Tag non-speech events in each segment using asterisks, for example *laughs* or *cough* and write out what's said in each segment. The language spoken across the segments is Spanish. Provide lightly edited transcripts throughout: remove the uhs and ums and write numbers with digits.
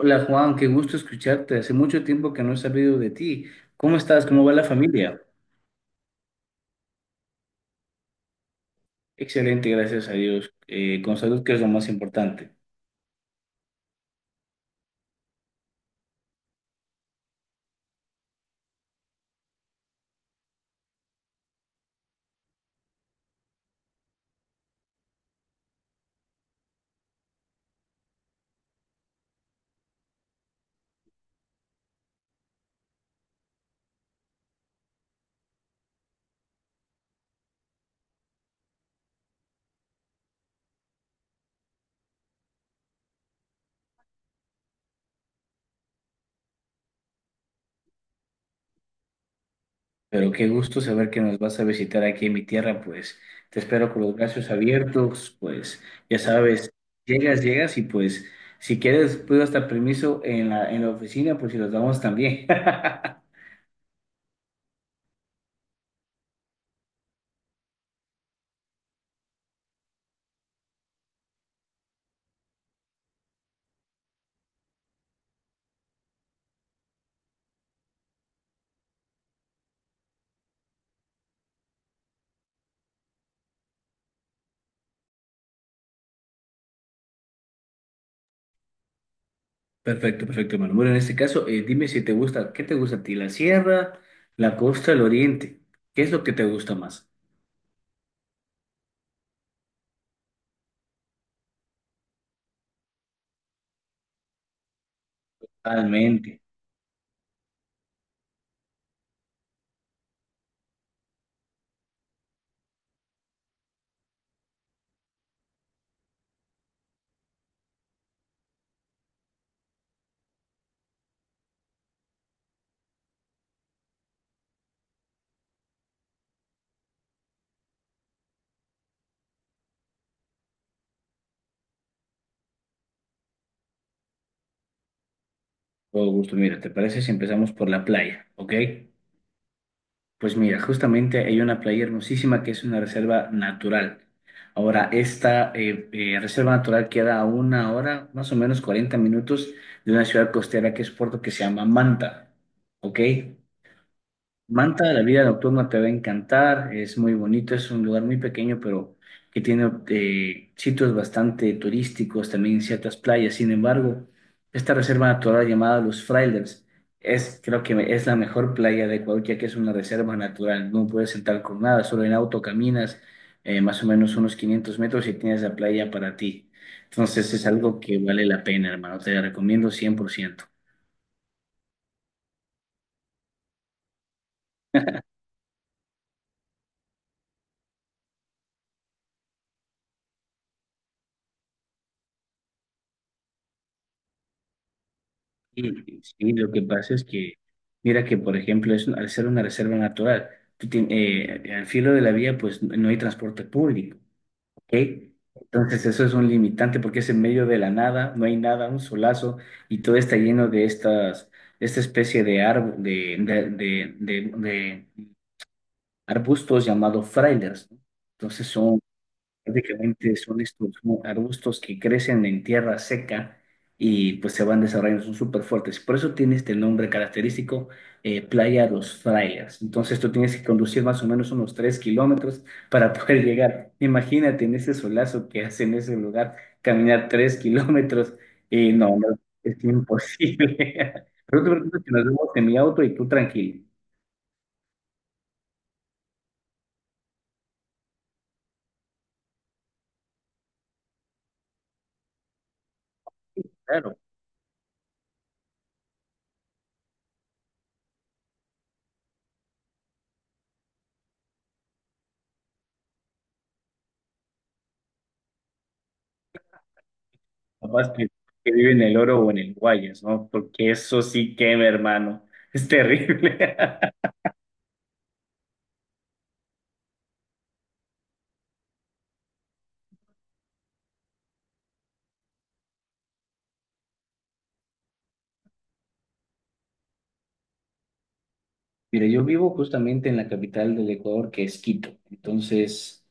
Hola Juan, qué gusto escucharte. Hace mucho tiempo que no he sabido de ti. ¿Cómo estás? ¿Cómo va la familia? Excelente, gracias a Dios. Con salud, que es lo más importante. Pero qué gusto saber que nos vas a visitar aquí en mi tierra, pues te espero con los brazos abiertos, pues ya sabes, llegas y pues si quieres puedo hasta permiso en en la oficina, pues si los damos también. *laughs* Perfecto, perfecto, hermano. Bueno, en este caso, dime si te gusta, ¿qué te gusta a ti? ¿La sierra, la costa, el oriente? ¿Qué es lo que te gusta más? Totalmente, todo gusto. Mira, ¿te parece si empezamos por la playa? ¿Ok? Pues mira, justamente hay una playa hermosísima que es una reserva natural. Ahora, esta reserva natural queda a una hora, más o menos 40 minutos de una ciudad costera que es Puerto que se llama Manta. ¿Ok? Manta, la vida nocturna te va a encantar, es muy bonito, es un lugar muy pequeño, pero que tiene sitios bastante turísticos, también ciertas playas. Sin embargo, esta reserva natural llamada Los Frailers es, creo que es la mejor playa de Ecuador, ya que es una reserva natural, no puedes entrar con nada, solo en auto caminas más o menos unos 500 metros y tienes la playa para ti. Entonces es algo que vale la pena, hermano, te la recomiendo 100%. Sí, sí, lo que pasa es que, mira que, por ejemplo, es, al ser una reserva natural, al filo de la vía, pues no hay transporte público, ¿ok? Entonces eso es un limitante porque es en medio de la nada, no hay nada, un solazo, y todo está lleno de esta especie de árbol, de arbustos llamados frailers, ¿no? Entonces son Prácticamente son estos arbustos que crecen en tierra seca y pues se van desarrollando, son súper fuertes. Por eso tiene este nombre característico, Playa Los Frailes. Entonces tú tienes que conducir más o menos unos 3 kilómetros para *laughs* poder llegar. Imagínate en ese solazo que hace en ese lugar, caminar 3 kilómetros. Y no, no, es imposible. *laughs* Pero no te preocupes que nos vemos en mi auto y tú tranquilo. Claro. Capaz que vive en el Oro o en el Guayas, ¿no? Porque eso sí quema, hermano. Es terrible. *laughs* Mira, yo vivo justamente en la capital del Ecuador, que es Quito. Entonces,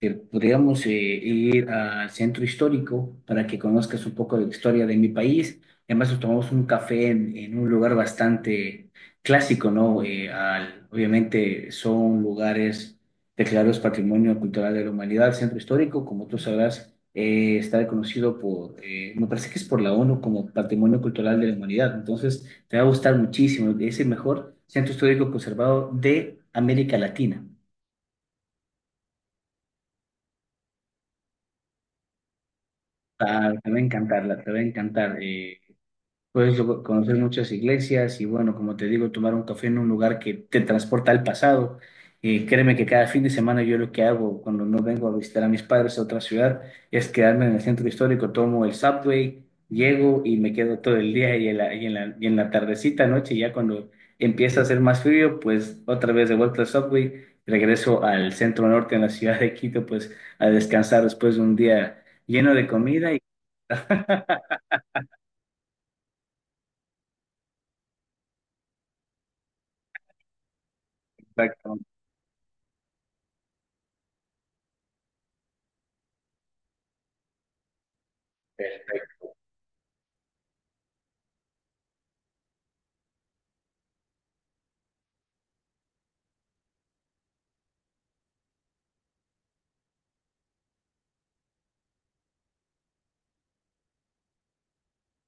que podríamos ir al centro histórico para que conozcas un poco de la historia de mi país. Además, nos tomamos un café en un lugar bastante clásico, ¿no? Obviamente son lugares declarados Patrimonio Cultural de la Humanidad. El centro histórico, como tú sabrás, está reconocido por, me parece que es por la ONU como Patrimonio Cultural de la Humanidad. Entonces, te va a gustar muchísimo. Es el mejor centro histórico conservado de América Latina. Claro, te va a encantarla, te va a encantar. Puedes conocer muchas iglesias y bueno, como te digo, tomar un café en un lugar que te transporta al pasado. Créeme que cada fin de semana yo lo que hago cuando no vengo a visitar a mis padres a otra ciudad es quedarme en el centro histórico, tomo el subway, llego y me quedo todo el día y en la tardecita, noche, ya cuando empieza a hacer más frío, pues otra vez de vuelta al subway, regreso al centro norte en la ciudad de Quito, pues a descansar después de un día lleno de comida. *laughs* Exactamente, perfecto.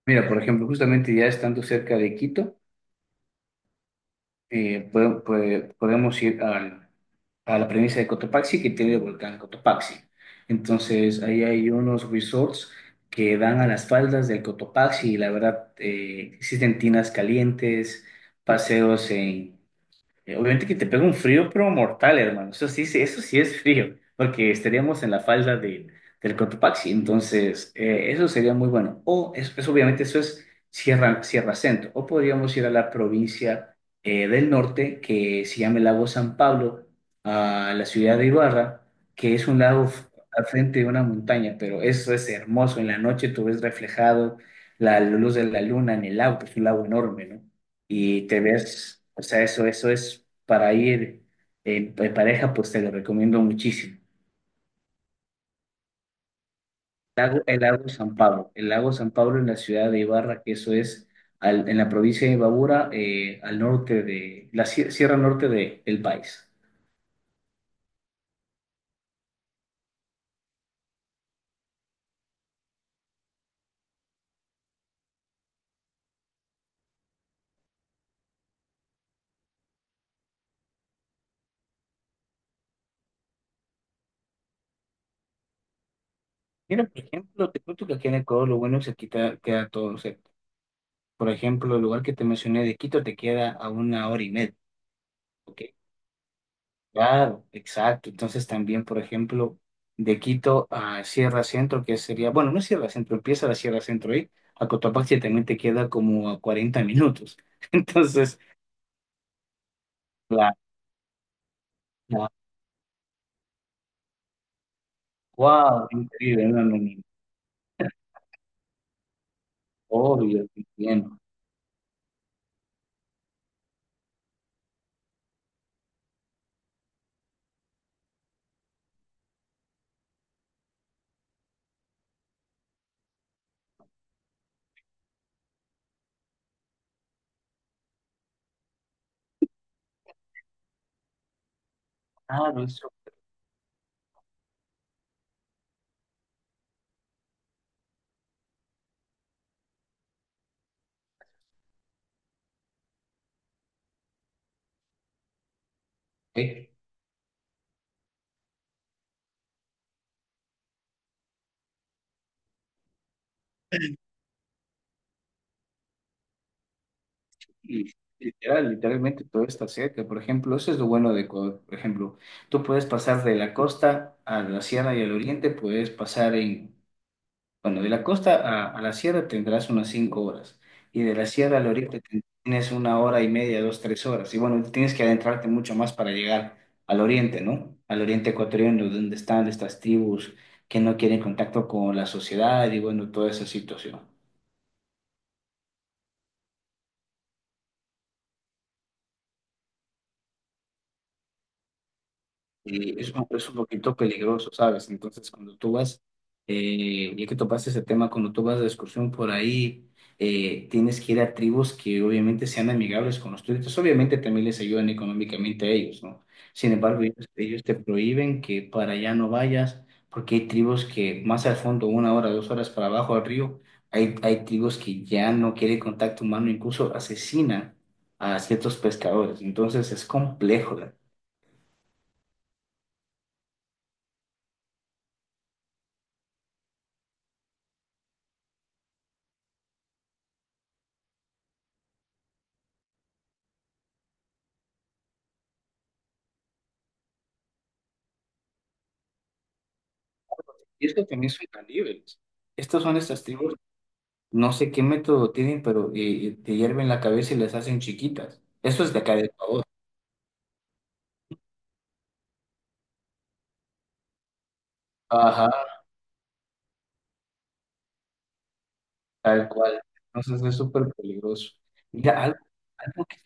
Mira, por ejemplo, justamente ya estando cerca de Quito, podemos ir a la premisa de Cotopaxi que tiene el volcán Cotopaxi. Entonces, ahí hay unos resorts que dan a las faldas del Cotopaxi y la verdad, existen tinas calientes, paseos en Obviamente que te pega un frío, pero mortal, hermano. Eso sí, eso sí es frío, porque estaríamos en la falda de, del Cotopaxi. Entonces, eso sería muy bueno. Obviamente, eso es Sierra, Sierra Centro. O podríamos ir a la provincia del norte, que se llama el lago San Pablo, a la ciudad de Ibarra, que es un lago al frente de una montaña, pero eso es hermoso. En la noche tú ves reflejado la luz de la luna en el lago, que es un lago enorme, ¿no? Y te ves, o sea, eso es para ir en pareja, pues te lo recomiendo muchísimo. El lago San Pablo, el lago San Pablo en la ciudad de Ibarra, que eso es en la provincia de Imbabura, al norte de la sierra norte del país. Mira, por ejemplo, te cuento que aquí en Ecuador lo bueno es que aquí queda todo cerca. Por ejemplo, el lugar que te mencioné de Quito te queda a una hora y media, ¿ok? Claro, exacto. Entonces también, por ejemplo, de Quito a Sierra Centro, que sería, bueno, no es Sierra Centro, empieza la Sierra Centro ahí, a Cotopaxi también te queda como a 40 minutos. *laughs* Entonces, la, la, wow, increíble, no, no, ni- obvio, entiendo. Claro, eso, eh, y literal, literalmente todo está cerca. Por ejemplo, eso es lo bueno de Ecuador. Por ejemplo, tú puedes pasar de la costa a la sierra y al oriente, puedes pasar en Bueno, de la costa a la sierra tendrás unas 5 horas y de la sierra al oriente tienes una hora y media, 2, 3 horas. Y bueno, tienes que adentrarte mucho más para llegar al oriente, ¿no? Al oriente ecuatoriano, donde están estas tribus que no quieren contacto con la sociedad y bueno, toda esa situación. Y es, es un poquito peligroso, ¿sabes? Entonces, cuando tú vas, ya que topaste ese tema, cuando tú vas de excursión por ahí, tienes que ir a tribus que obviamente sean amigables con los turistas. Obviamente también les ayudan económicamente a ellos, ¿no? Sin embargo, ellos te prohíben que para allá no vayas, porque hay tribus que más al fondo, una hora, dos horas para abajo al río, hay tribus que ya no quieren contacto humano, incluso asesinan a ciertos pescadores. Entonces, es complejo. Y esto también son caníbales. Estos son estas tribus, no sé qué método tienen, pero te hierven la cabeza y las hacen chiquitas. Eso es de acá de... Ajá, tal cual. Entonces es súper peligroso. Mira, algo que...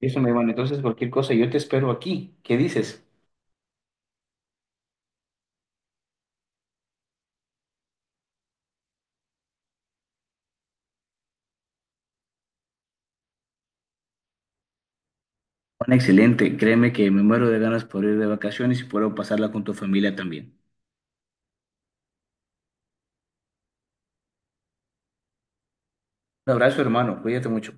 Eso me van, entonces cualquier cosa, yo te espero aquí. ¿Qué dices? Bueno, excelente. Créeme que me muero de ganas por ir de vacaciones y puedo pasarla con tu familia también. Un abrazo, hermano. Cuídate mucho.